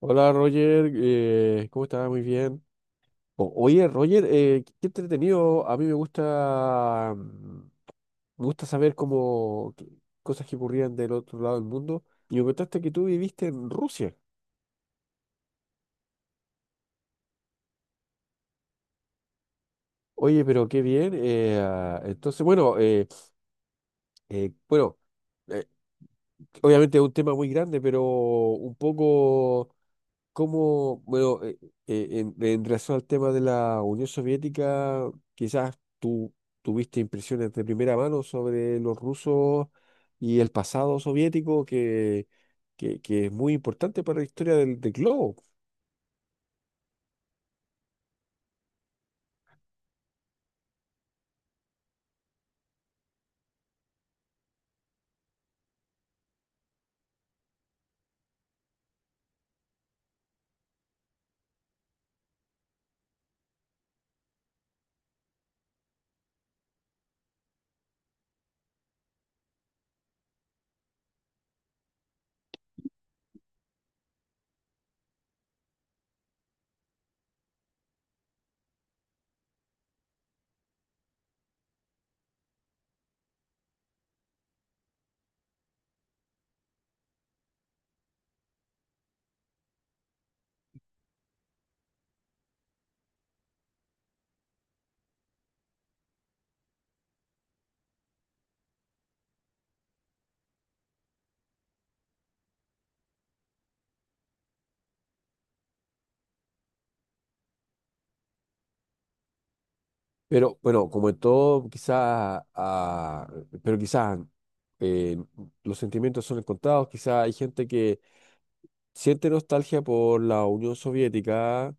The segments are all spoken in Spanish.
Hola Roger, ¿cómo estás? Muy bien. Oye, Roger, qué entretenido. A mí me gusta, me gusta saber cosas que ocurrían del otro lado del mundo. Y me contaste que tú viviste en Rusia. Oye, pero qué bien. Entonces, bueno, bueno, eh, obviamente es un tema muy grande, pero un poco. Cómo, bueno, en relación al tema de la Unión Soviética, quizás tú tuviste impresiones de primera mano sobre los rusos y el pasado soviético, que, es muy importante para la historia del globo. Pero bueno, como en todo, quizás, pero quizás eh, los sentimientos son encontrados, quizás hay gente que siente nostalgia por la Unión Soviética,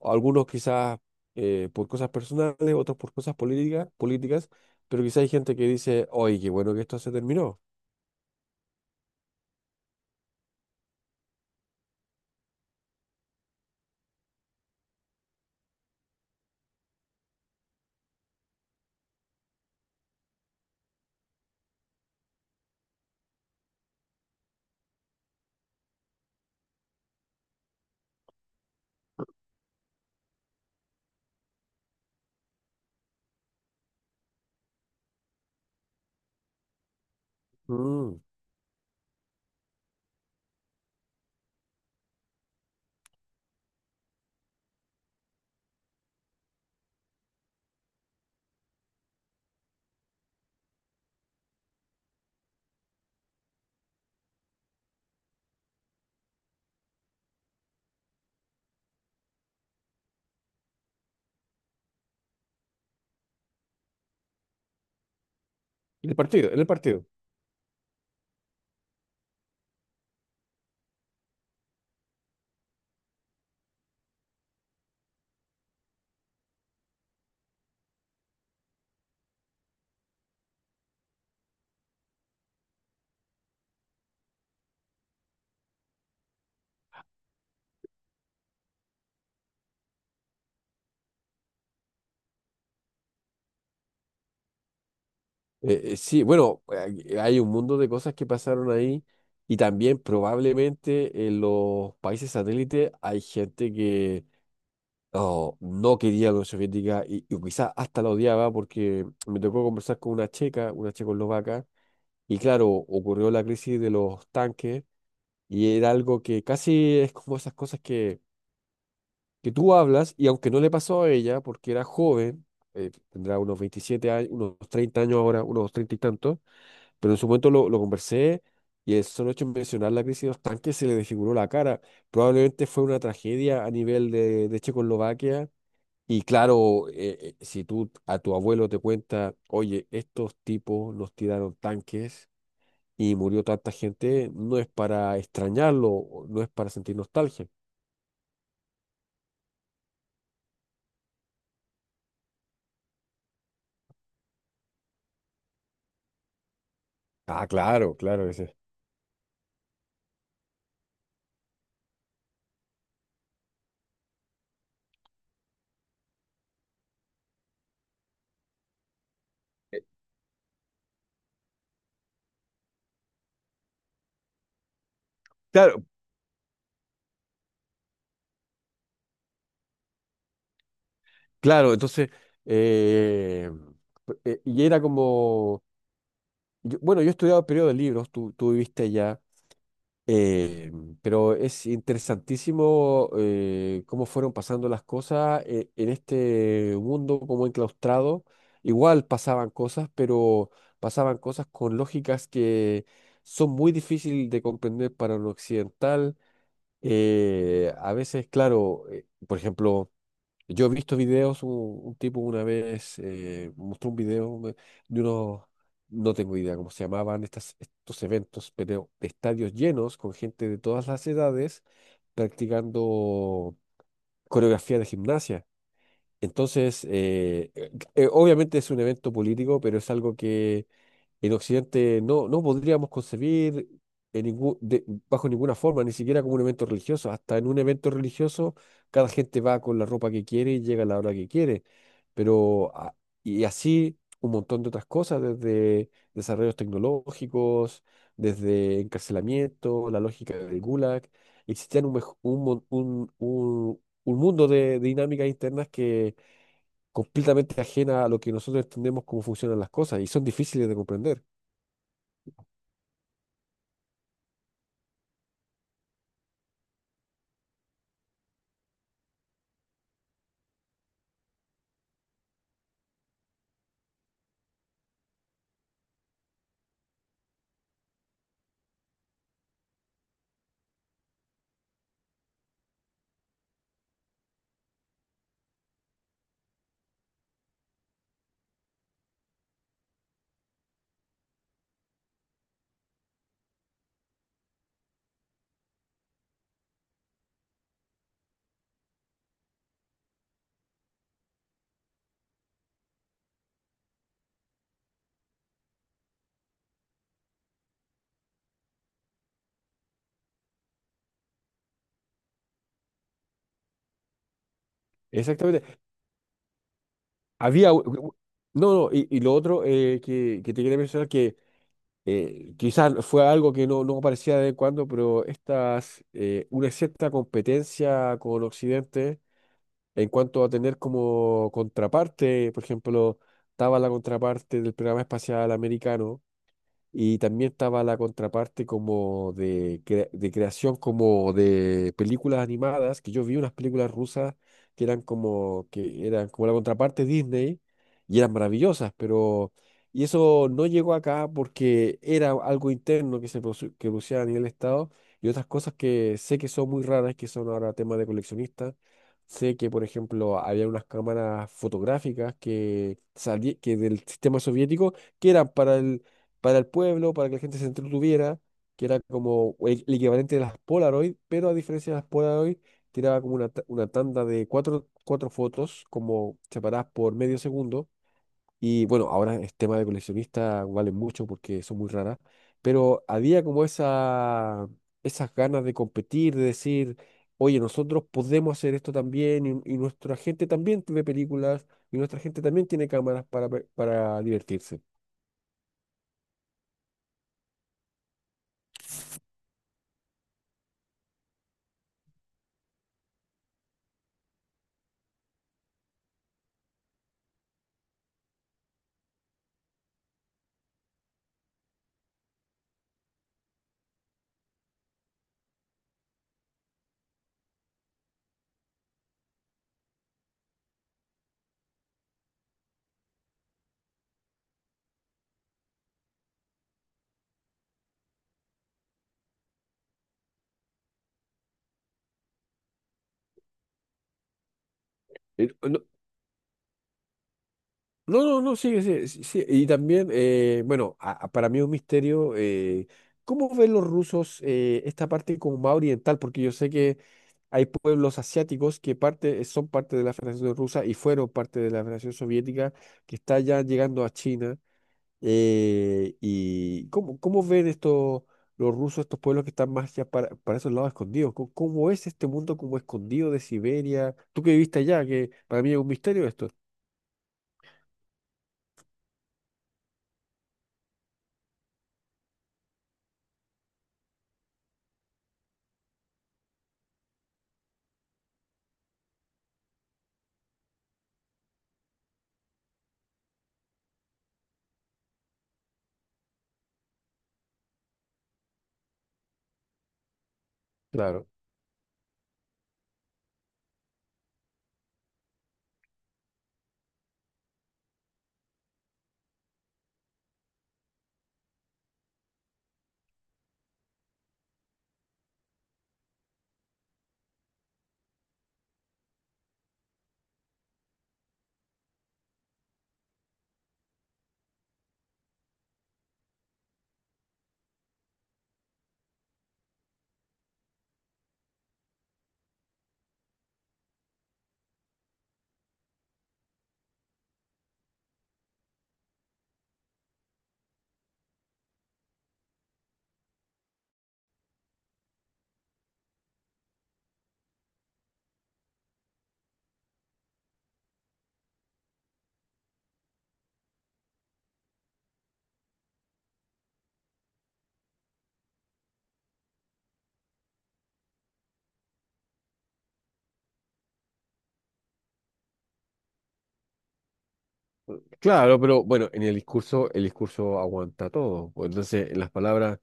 algunos quizás por cosas personales, otros por cosas políticas, pero quizás hay gente que dice, oye, qué bueno que esto se terminó. Mm. En el partido, en el partido. Sí, bueno, hay un mundo de cosas que pasaron ahí y también probablemente en los países satélites hay gente que, oh, no quería la Unión Soviética y, quizás hasta la odiaba porque me tocó conversar con una checa, una checoslovaca. Y claro, ocurrió la crisis de los tanques y era algo que casi es como esas cosas que tú hablas y aunque no le pasó a ella porque era joven, tendrá unos 27 años, unos 30 años ahora, unos 30 y tantos, pero en su momento lo conversé y el solo hecho de mencionar la crisis de los tanques se le desfiguró la cara. Probablemente fue una tragedia a nivel de Checoslovaquia. Y claro, si tú a tu abuelo te cuenta, oye, estos tipos nos tiraron tanques y murió tanta gente, no es para extrañarlo, o no es para sentir nostalgia. Ah, claro, claro, ese. Claro, claro, entonces, eh, y era como, bueno, yo he estudiado periodo de libros, tú viviste allá. Eh, pero es interesantísimo, cómo fueron pasando las cosas, en este mundo como enclaustrado. Igual pasaban cosas, pero pasaban cosas con lógicas que son muy difíciles de comprender para un occidental. A veces, claro, por ejemplo, yo he visto videos, un tipo una vez mostró un video de unos, no tengo idea cómo se llamaban estos eventos, pero estadios llenos con gente de todas las edades practicando coreografía de gimnasia. Entonces, obviamente es un evento político, pero es algo que en Occidente no podríamos concebir en ningún, de- bajo ninguna forma, ni siquiera como un evento religioso. Hasta en un evento religioso, cada gente va con la ropa que quiere y llega a la hora que quiere. Pero, a- y así un montón de otras cosas, desde desarrollos tecnológicos, desde encarcelamiento, la lógica del Gulag. Existían un, mej- un, mon- un mundo de dinámicas internas que completamente ajena a lo que nosotros entendemos cómo funcionan las cosas y son difíciles de comprender. Exactamente. Había, u- u- no, no, y lo otro que te quería mencionar que quizás fue algo que no aparecía de vez en cuando, pero estas, una cierta competencia con Occidente en cuanto a tener como contraparte, por ejemplo, estaba la contraparte del programa espacial americano. Y también estaba la contraparte como de creación como de películas animadas, que yo vi unas películas rusas que eran como la contraparte Disney y eran maravillosas, pero y eso no llegó acá porque era algo interno que producía a nivel Estado y otras cosas que sé que son muy raras, que son ahora temas de coleccionistas. Sé que, por ejemplo, había unas cámaras fotográficas que del sistema soviético que eran para el pueblo, para que la gente se entretuviera, que era como el equivalente de las Polaroid, pero a diferencia de las Polaroid, tiraba como una tanda de cuatro fotos, como separadas por medio segundo. Y bueno, ahora es tema de coleccionista, valen mucho porque son muy raras, pero había como esas ganas de competir, de decir, oye, nosotros podemos hacer esto también y nuestra gente también ve películas y nuestra gente también tiene cámaras para divertirse. Eh, no- No, no, no, sí, sí, sí, sí. Y también, bueno, para mí es un misterio, ¿cómo ven los rusos, esta parte como más oriental? Porque yo sé que hay pueblos asiáticos que son parte de la Federación Rusa y fueron parte de la Federación Soviética, que está ya llegando a China. ¿Y cómo ven estos, los rusos, estos pueblos que están más ya para esos lados escondidos? ¿Cómo es este mundo como escondido de Siberia? Tú que viviste allá, que para mí es un misterio esto. Claro. Claro, pero bueno, en el discurso aguanta todo. Pues, entonces, en las palabras,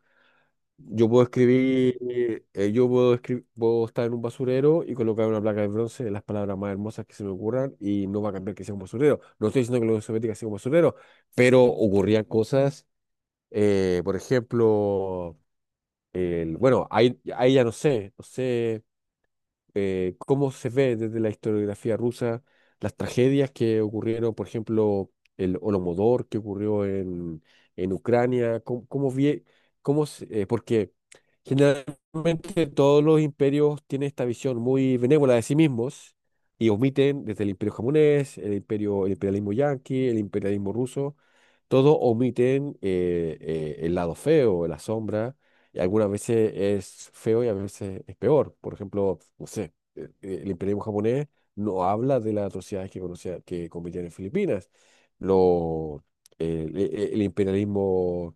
yo puedo escribir, puedo estar en un basurero y colocar una placa de bronce de las palabras más hermosas que se me ocurran y no va a cambiar que sea un basurero. No estoy diciendo que la Unión Soviética sea un basurero, pero ocurrían cosas, por ejemplo, bueno, ahí ya no sé cómo se ve desde la historiografía rusa las tragedias que ocurrieron, por ejemplo, el Holodomor que ocurrió en, Ucrania, cómo, cómo vie- cómo se- porque generalmente todos los imperios tienen esta visión muy benévola de sí mismos y omiten desde el imperio japonés, el imperio, el imperialismo yanqui, el imperialismo ruso. Todos omiten el lado feo, la sombra, y algunas veces es feo y a veces es peor. Por ejemplo, no sé, el imperialismo japonés no habla de las atrocidades que cometían en Filipinas. Lo, el imperialismo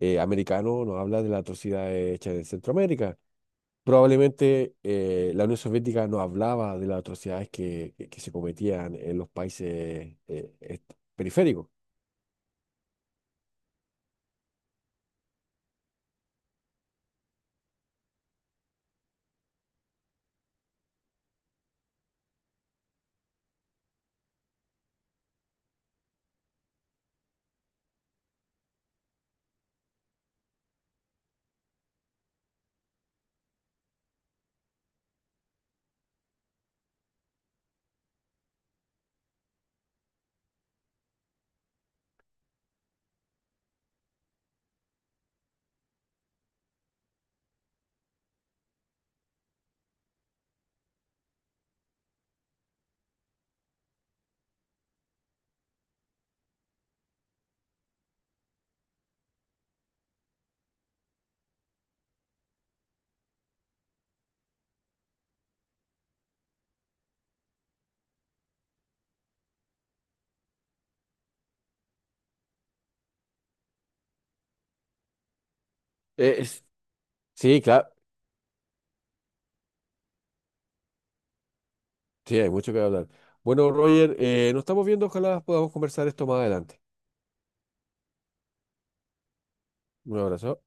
americano no habla de las atrocidades hechas en Centroamérica. Probablemente la Unión Soviética no hablaba de las atrocidades que, que se cometían en los países periféricos. Eh, es- Sí, claro, sí, hay mucho que hablar. Bueno, Roger, nos estamos viendo. Ojalá podamos conversar esto más adelante. Un abrazo.